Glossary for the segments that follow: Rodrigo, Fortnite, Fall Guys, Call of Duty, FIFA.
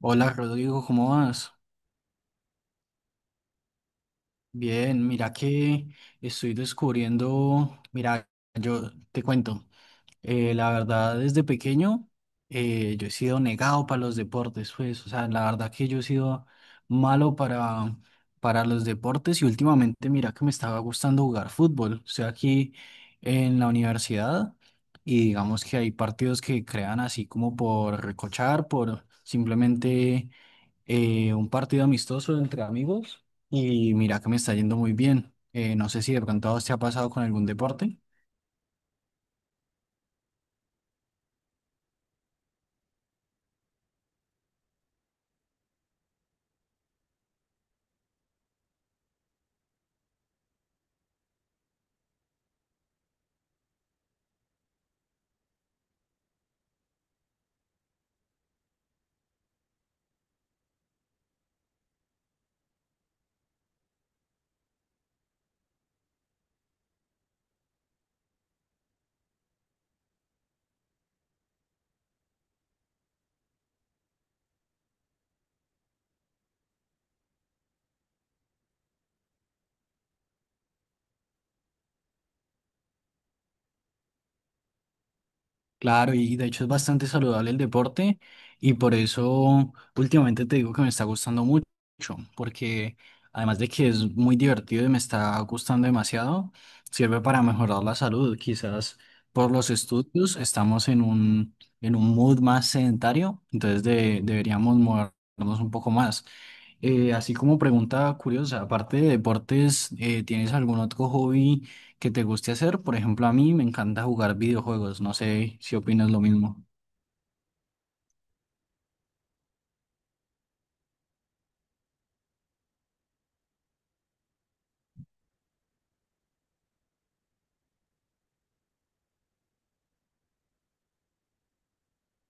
Hola Rodrigo, ¿cómo vas? Bien, mira que estoy descubriendo, mira, yo te cuento, la verdad desde pequeño, yo he sido negado para los deportes, pues, o sea, la verdad que yo he sido malo para los deportes y últimamente mira que me estaba gustando jugar fútbol, estoy aquí en la universidad y digamos que hay partidos que crean así como por recochar, por simplemente, un partido amistoso entre amigos y mira que me está yendo muy bien. No sé si de pronto a vos te ha pasado con algún deporte. Claro, y de hecho es bastante saludable el deporte y por eso últimamente te digo que me está gustando mucho, porque además de que es muy divertido y me está gustando demasiado, sirve para mejorar la salud. Quizás por los estudios estamos en un mood más sedentario, entonces deberíamos movernos un poco más. Así como pregunta curiosa, aparte de deportes, ¿tienes algún otro hobby que te guste hacer? Por ejemplo, a mí me encanta jugar videojuegos, no sé si opinas lo mismo.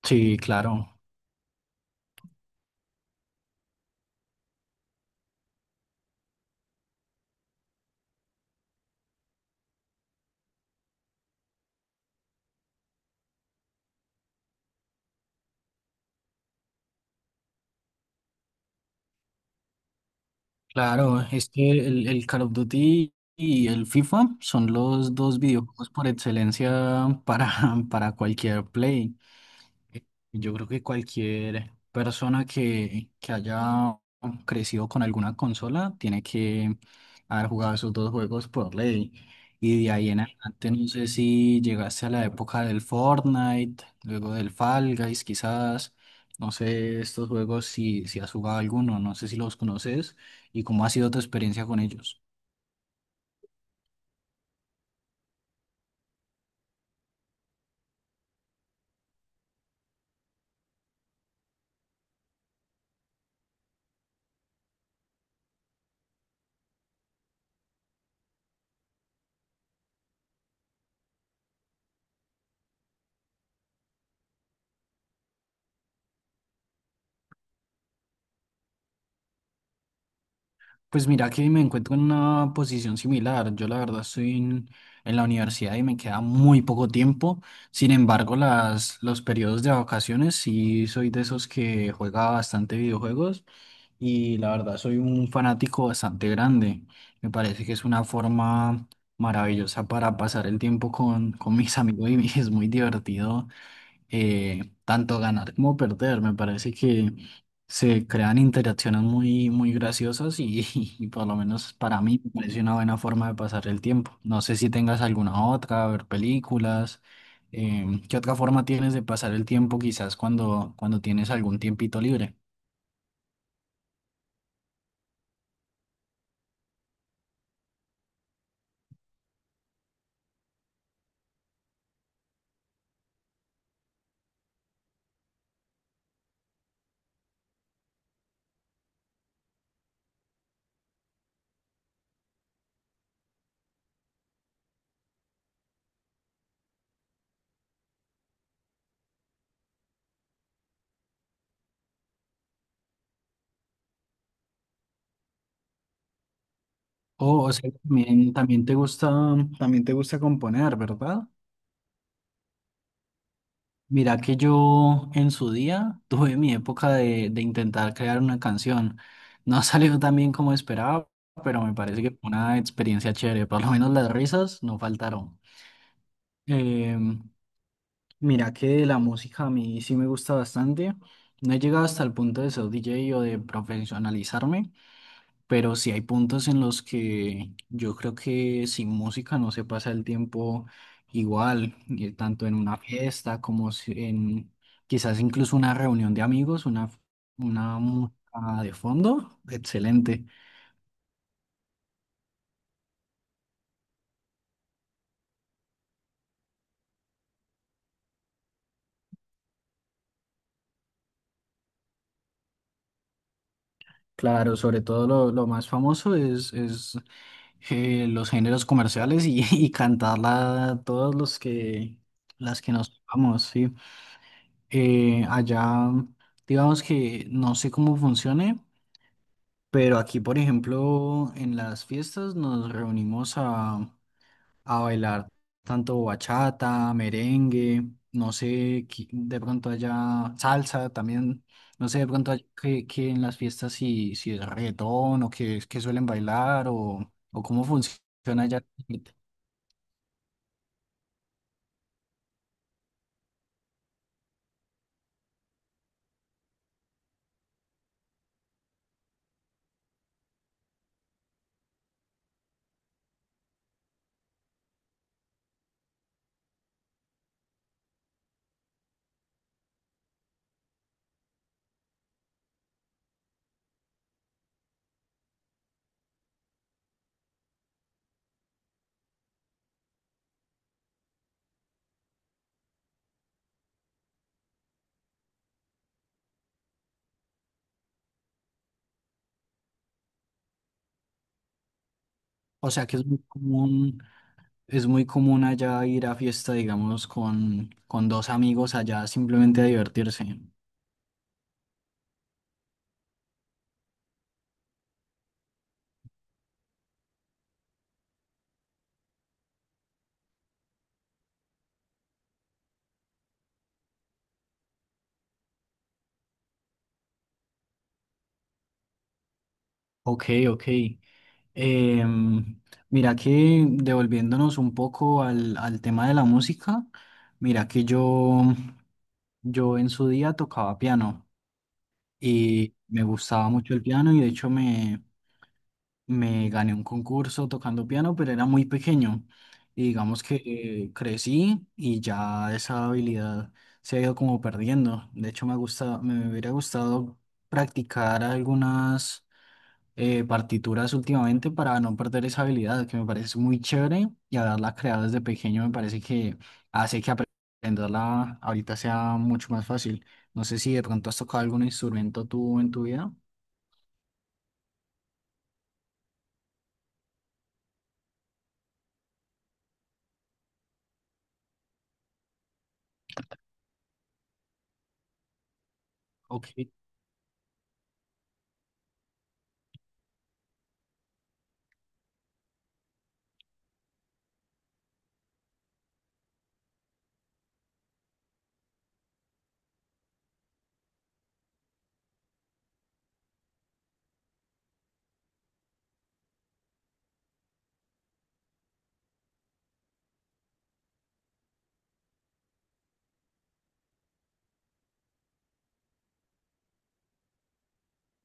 Sí, claro, claro, es que el Call of Duty y el FIFA son los dos videojuegos por excelencia para cualquier play. Yo creo que cualquier persona que haya crecido con alguna consola tiene que haber jugado esos dos juegos por ley. Y de ahí en adelante, no sé si llegaste a la época del Fortnite, luego del Fall Guys, quizás. No sé estos juegos si has jugado alguno, no sé si los conoces y cómo ha sido tu experiencia con ellos. Pues mira que me encuentro en una posición similar. Yo la verdad en la universidad y me queda muy poco tiempo. Sin embargo, los periodos de vacaciones sí soy de esos que juega bastante videojuegos y la verdad soy un fanático bastante grande. Me parece que es una forma maravillosa para pasar el tiempo con mis amigos y es muy divertido, tanto ganar como perder. Me parece que se crean interacciones muy, muy graciosas y, y por lo menos para mí me parece una buena forma de pasar el tiempo. No sé si tengas alguna otra, ver películas. ¿Qué otra forma tienes de pasar el tiempo quizás cuando tienes algún tiempito libre? O sea, también, también te gusta componer, ¿verdad? Mira que yo en su día tuve mi época de intentar crear una canción. No ha salido tan bien como esperaba, pero me parece que fue una experiencia chévere. Por lo menos las risas no faltaron. Em, Mira que de la música a mí sí me gusta bastante. No he llegado hasta el punto de ser DJ o de profesionalizarme, pero sí hay puntos en los que yo creo que sin música no se pasa el tiempo igual, y tanto en una fiesta como en quizás incluso una reunión de amigos, una música de fondo, excelente. Claro, sobre todo lo más famoso es, los géneros comerciales y, y cantarla todos los que las que nos vamos, sí. Allá, digamos que no sé cómo funcione. Pero aquí, por ejemplo, en las fiestas nos reunimos a bailar tanto bachata, merengue, no sé, de pronto allá salsa también, no sé, de pronto allá que en las fiestas si es reggaetón o que suelen bailar o cómo funciona allá. O sea que es muy común allá ir a fiesta, digamos, con dos amigos allá simplemente a divertirse. Ok, ok. Em, Mira que devolviéndonos un poco al tema de la música, mira que yo, yo en su día tocaba piano y me gustaba mucho el piano y de hecho me gané un concurso tocando piano, pero era muy pequeño. Y digamos que, crecí y ya esa habilidad se ha ido como perdiendo. De hecho me gusta, me hubiera gustado practicar algunas, partituras últimamente para no perder esa habilidad que me parece muy chévere y haberla creado desde pequeño me parece que hace que aprenderla ahorita sea mucho más fácil. No sé si de pronto has tocado algún instrumento tú en tu vida. Ok,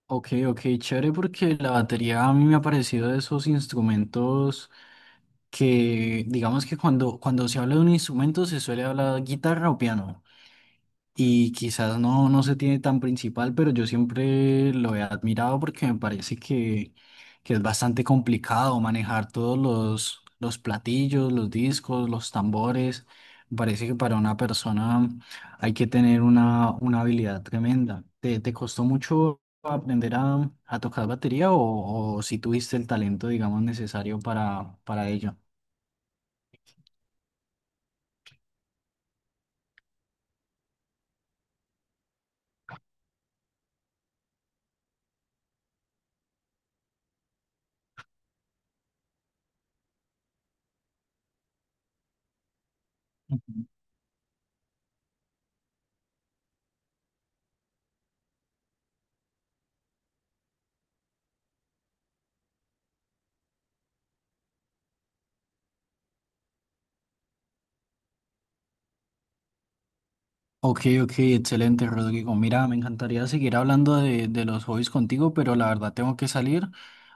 ok, ok, chévere porque la batería a mí me ha parecido de esos instrumentos que digamos que cuando se habla de un instrumento se suele hablar guitarra o piano. Y quizás no, no se tiene tan principal, pero yo siempre lo he admirado porque me parece que es bastante complicado manejar todos los platillos, los discos, los tambores. Me parece que para una persona hay que tener una habilidad tremenda. ¿Te, te costó mucho aprender a tocar batería o si tuviste el talento, digamos, necesario para ello? Ok, ok, excelente, Rodrigo. Mira, me encantaría seguir hablando de los hobbies contigo, pero la verdad tengo que salir.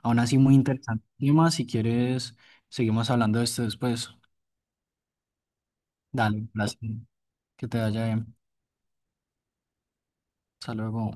Aún así, muy interesante el tema. Si quieres, seguimos hablando de esto después. Dale, gracias. Que te vaya bien. Hasta luego.